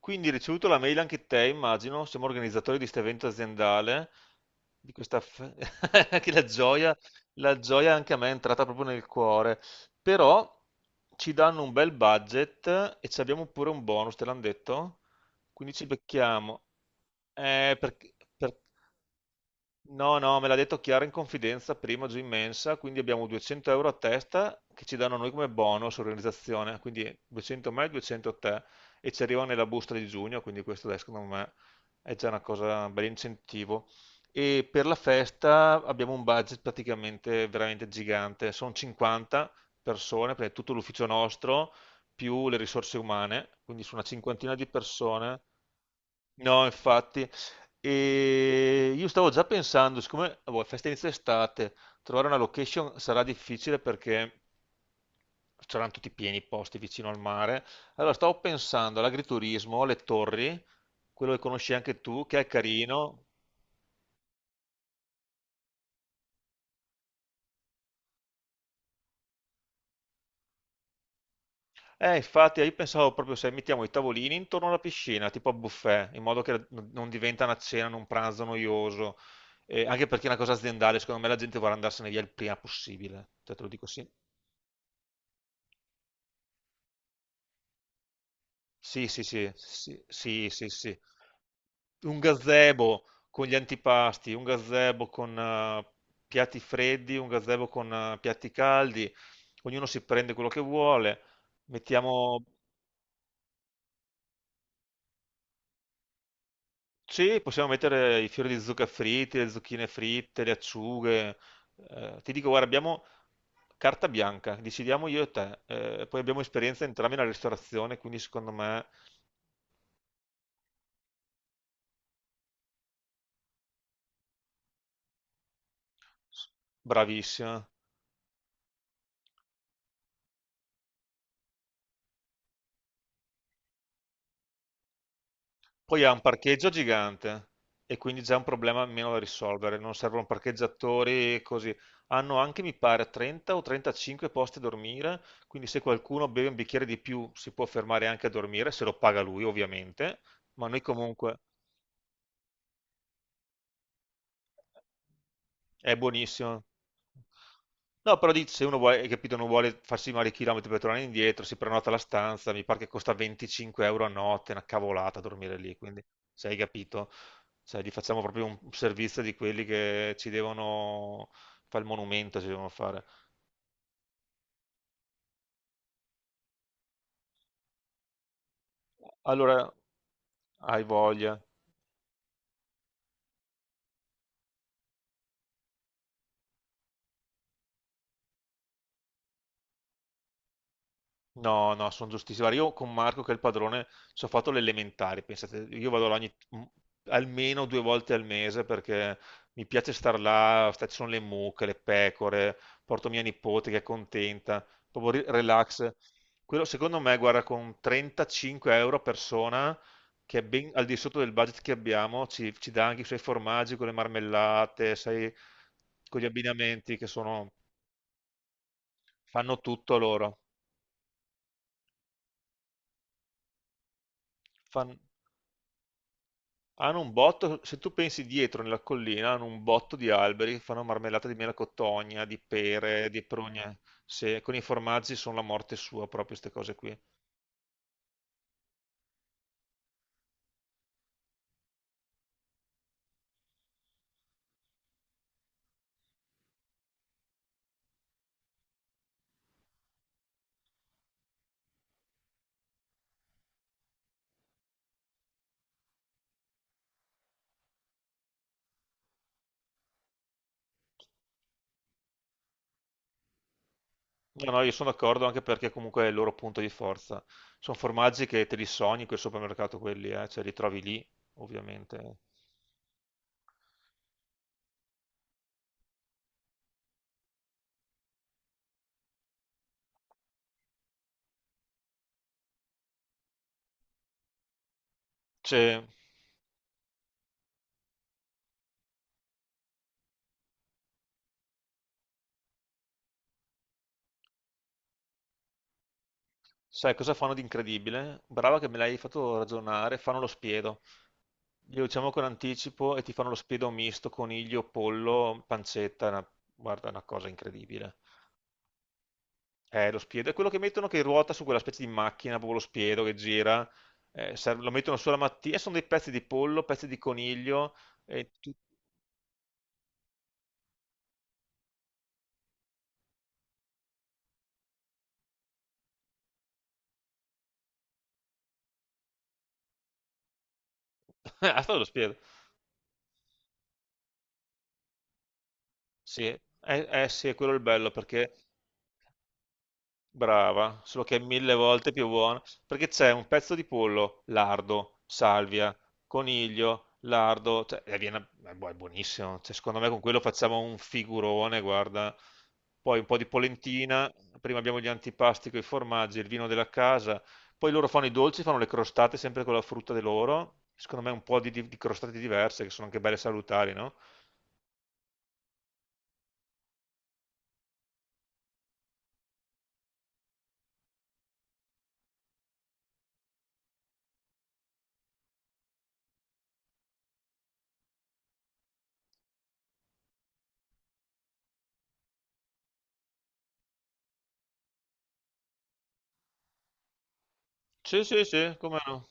Quindi hai ricevuto la mail anche te, immagino, siamo organizzatori di questo evento aziendale, di questa che la gioia anche a me è entrata proprio nel cuore, però ci danno un bel budget e ci abbiamo pure un bonus, te l'hanno detto? Quindi ci becchiamo. Eh, perché, per- No, no, me l'ha detto Chiara in confidenza prima giù in mensa, quindi abbiamo 200 euro a testa che ci danno a noi come bonus organizzazione, quindi 200 a me, 200 a te e ci arriva nella busta di giugno, quindi questo adesso secondo me è già una cosa, un bel incentivo. E per la festa abbiamo un budget praticamente veramente gigante, sono 50 persone, perché è tutto l'ufficio nostro, più le risorse umane, quindi su una cinquantina di persone. No, infatti, e io stavo già pensando, siccome boh, festa inizia estate, trovare una location sarà difficile perché saranno tutti pieni i posti vicino al mare. Allora stavo pensando all'agriturismo, alle torri, quello che conosci anche tu, che è carino. Infatti, io pensavo proprio se mettiamo i tavolini intorno alla piscina, tipo a buffet, in modo che non diventa una cena, un pranzo noioso. Anche perché è una cosa aziendale, secondo me la gente vorrà andarsene via il prima possibile. Cioè, te lo dico sì. Sì, sì, sì, sì, sì, sì, sì. Un gazebo con gli antipasti, un gazebo con piatti freddi, un gazebo con piatti caldi, ognuno si prende quello che vuole. Mettiamo, sì, possiamo mettere i fiori di zucca fritti, le zucchine fritte, le acciughe. Ti dico, guarda, abbiamo carta bianca, decidiamo io e te. Poi abbiamo esperienza entrambi nella ristorazione, quindi secondo me bravissima. Poi ha un parcheggio gigante e quindi già un problema meno da risolvere, non servono parcheggiatori e così. Hanno anche, mi pare, 30 o 35 posti a dormire, quindi se qualcuno beve un bicchiere di più si può fermare anche a dormire, se lo paga lui ovviamente, ma noi comunque... È buonissimo. No, però dici, se uno vuole, hai capito, non vuole farsi male i chilometri per tornare indietro, si prenota la stanza, mi pare che costa 25 euro a notte, è una cavolata dormire lì, quindi se hai capito, cioè, gli facciamo proprio un servizio di quelli che ci devono fare il monumento, ci devono fare. Allora, hai voglia. No, no, sono giustissimo. Guarda, io con Marco, che è il padrone, ci ho fatto l'elementare, pensate, io vado là almeno 2 volte al mese perché mi piace star là, ci sono le mucche, le pecore, porto mia nipote che è contenta, proprio relax. Quello, secondo me, guarda, con 35 euro a persona, che è ben al di sotto del budget che abbiamo, ci dà anche i suoi formaggi con le marmellate, sai, con gli abbinamenti che sono, fanno tutto loro. Fan- Hanno un botto, se tu pensi dietro nella collina, hanno un botto di alberi che fanno marmellata di melacotogna, di pere, di prugne. Se con i formaggi sono la morte sua, proprio queste cose qui. No, no, io sono d'accordo anche perché comunque è il loro punto di forza. Sono formaggi che te li sogni quel supermercato, quelli, cioè li trovi lì, ovviamente. Cioè, sai cosa fanno di incredibile? Brava che me l'hai fatto ragionare, fanno lo spiedo. Glielo diciamo con anticipo e ti fanno lo spiedo misto, coniglio, pollo, pancetta, guarda, è una cosa incredibile. Lo spiedo è quello che mettono che ruota su quella specie di macchina, proprio lo spiedo che gira, lo mettono solo la mattina, e sono dei pezzi di pollo, pezzi di coniglio, e tu... Ah, è stato lo spiedo. Sì, sì, quello è il bello, perché brava, solo che è mille volte più buona, perché c'è un pezzo di pollo, lardo, salvia, coniglio, lardo, cioè, è è buonissimo. Cioè, secondo me con quello facciamo un figurone, guarda. Poi un po' di polentina, prima abbiamo gli antipasti con i formaggi, il vino della casa, poi loro fanno i dolci, fanno le crostate sempre con la frutta di loro, secondo me un po' di crostate diverse che sono anche belle salutari, no? Sì, sì, sì, come no?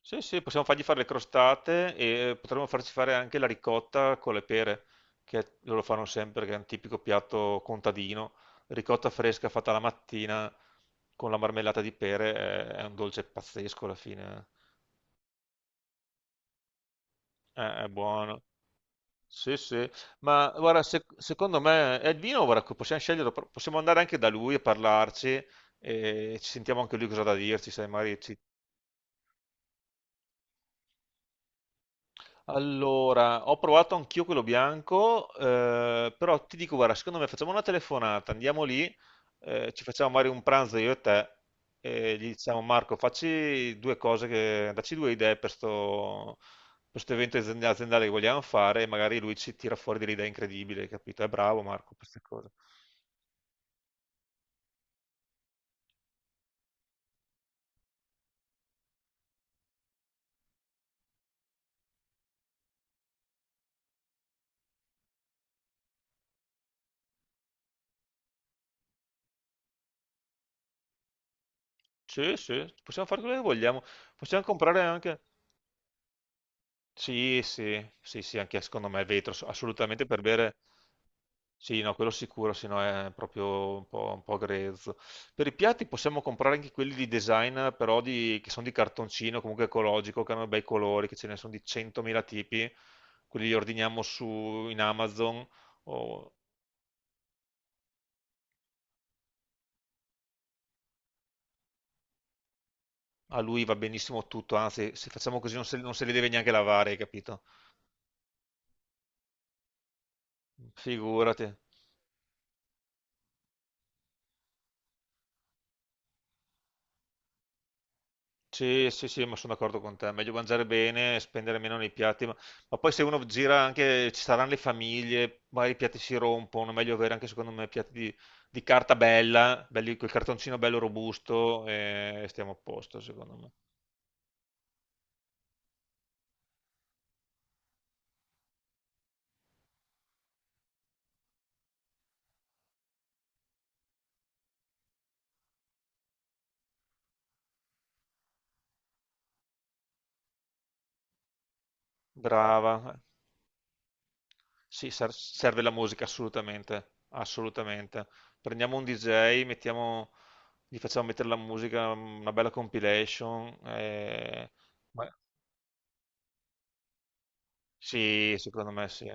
Sì, sì, possiamo fargli fare le crostate e potremmo farci fare anche la ricotta con le pere, loro fanno sempre, che è un tipico piatto contadino. Ricotta fresca fatta la mattina con la marmellata di pere è un dolce pazzesco alla fine. Eh. È buono. Sì, sì. Ma guarda, secondo me è il vino, guarda, possiamo scegliere, possiamo andare anche da lui e parlarci e ci sentiamo anche lui cosa ha da dirci, sai, magari allora, ho provato anch'io quello bianco, però ti dico, guarda, secondo me facciamo una telefonata, andiamo lì, ci facciamo magari un pranzo io e te, e gli diciamo Marco, facci due cose, che, dacci due idee per sto evento aziendale che vogliamo fare e magari lui ci tira fuori delle idee incredibili, capito? È bravo Marco, per queste cose. Sì, sì, possiamo fare quello che vogliamo, possiamo comprare anche... Sì, sì, sì, sì, anche secondo me è vetro, assolutamente per bere... Sì, no, quello sicuro, se no è proprio un po' grezzo. Per i piatti possiamo comprare anche quelli di design, che sono di cartoncino, comunque ecologico, che hanno bei colori, che ce ne sono di 100.000 tipi. Quelli li ordiniamo su, in Amazon, o- a lui va benissimo tutto, anzi, se facciamo così non se li deve neanche lavare, hai capito? Figurati. Sì, sì, sì, ma sono d'accordo con te. Meglio mangiare bene, spendere meno nei piatti. Ma poi se uno gira anche, ci saranno le famiglie, magari i piatti si rompono. Meglio avere anche, secondo me, piatti di carta bella, belli, quel cartoncino bello robusto e stiamo a posto, secondo me. Brava. Sì, serve la musica, assolutamente. Assolutamente. Prendiamo un DJ, mettiamo, gli facciamo mettere la musica, una bella compilation. Ma- Sì, secondo me sì.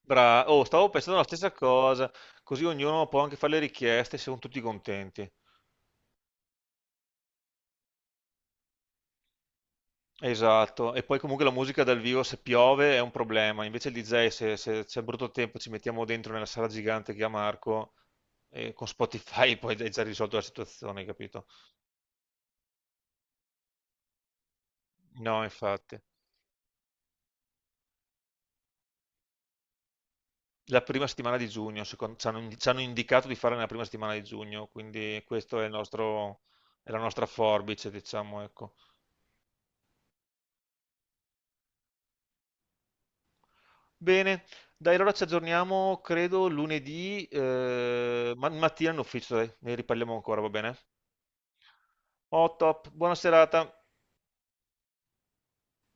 Oh, stavo pensando la stessa cosa, così ognuno può anche fare le richieste, e siamo tutti contenti. Esatto, e poi comunque la musica dal vivo se piove è un problema, invece il DJ se c'è brutto tempo ci mettiamo dentro nella sala gigante che ha Marco e con Spotify poi è già risolto la situazione, capito? No, infatti. La prima settimana di giugno, ci hanno indicato di fare nella prima settimana di giugno, quindi questo è il nostro, è la nostra forbice, diciamo, ecco. Bene, dai, allora ci aggiorniamo, credo, lunedì, mattina in ufficio, dai, ne riparliamo ancora, va bene? Oh, top, buona serata.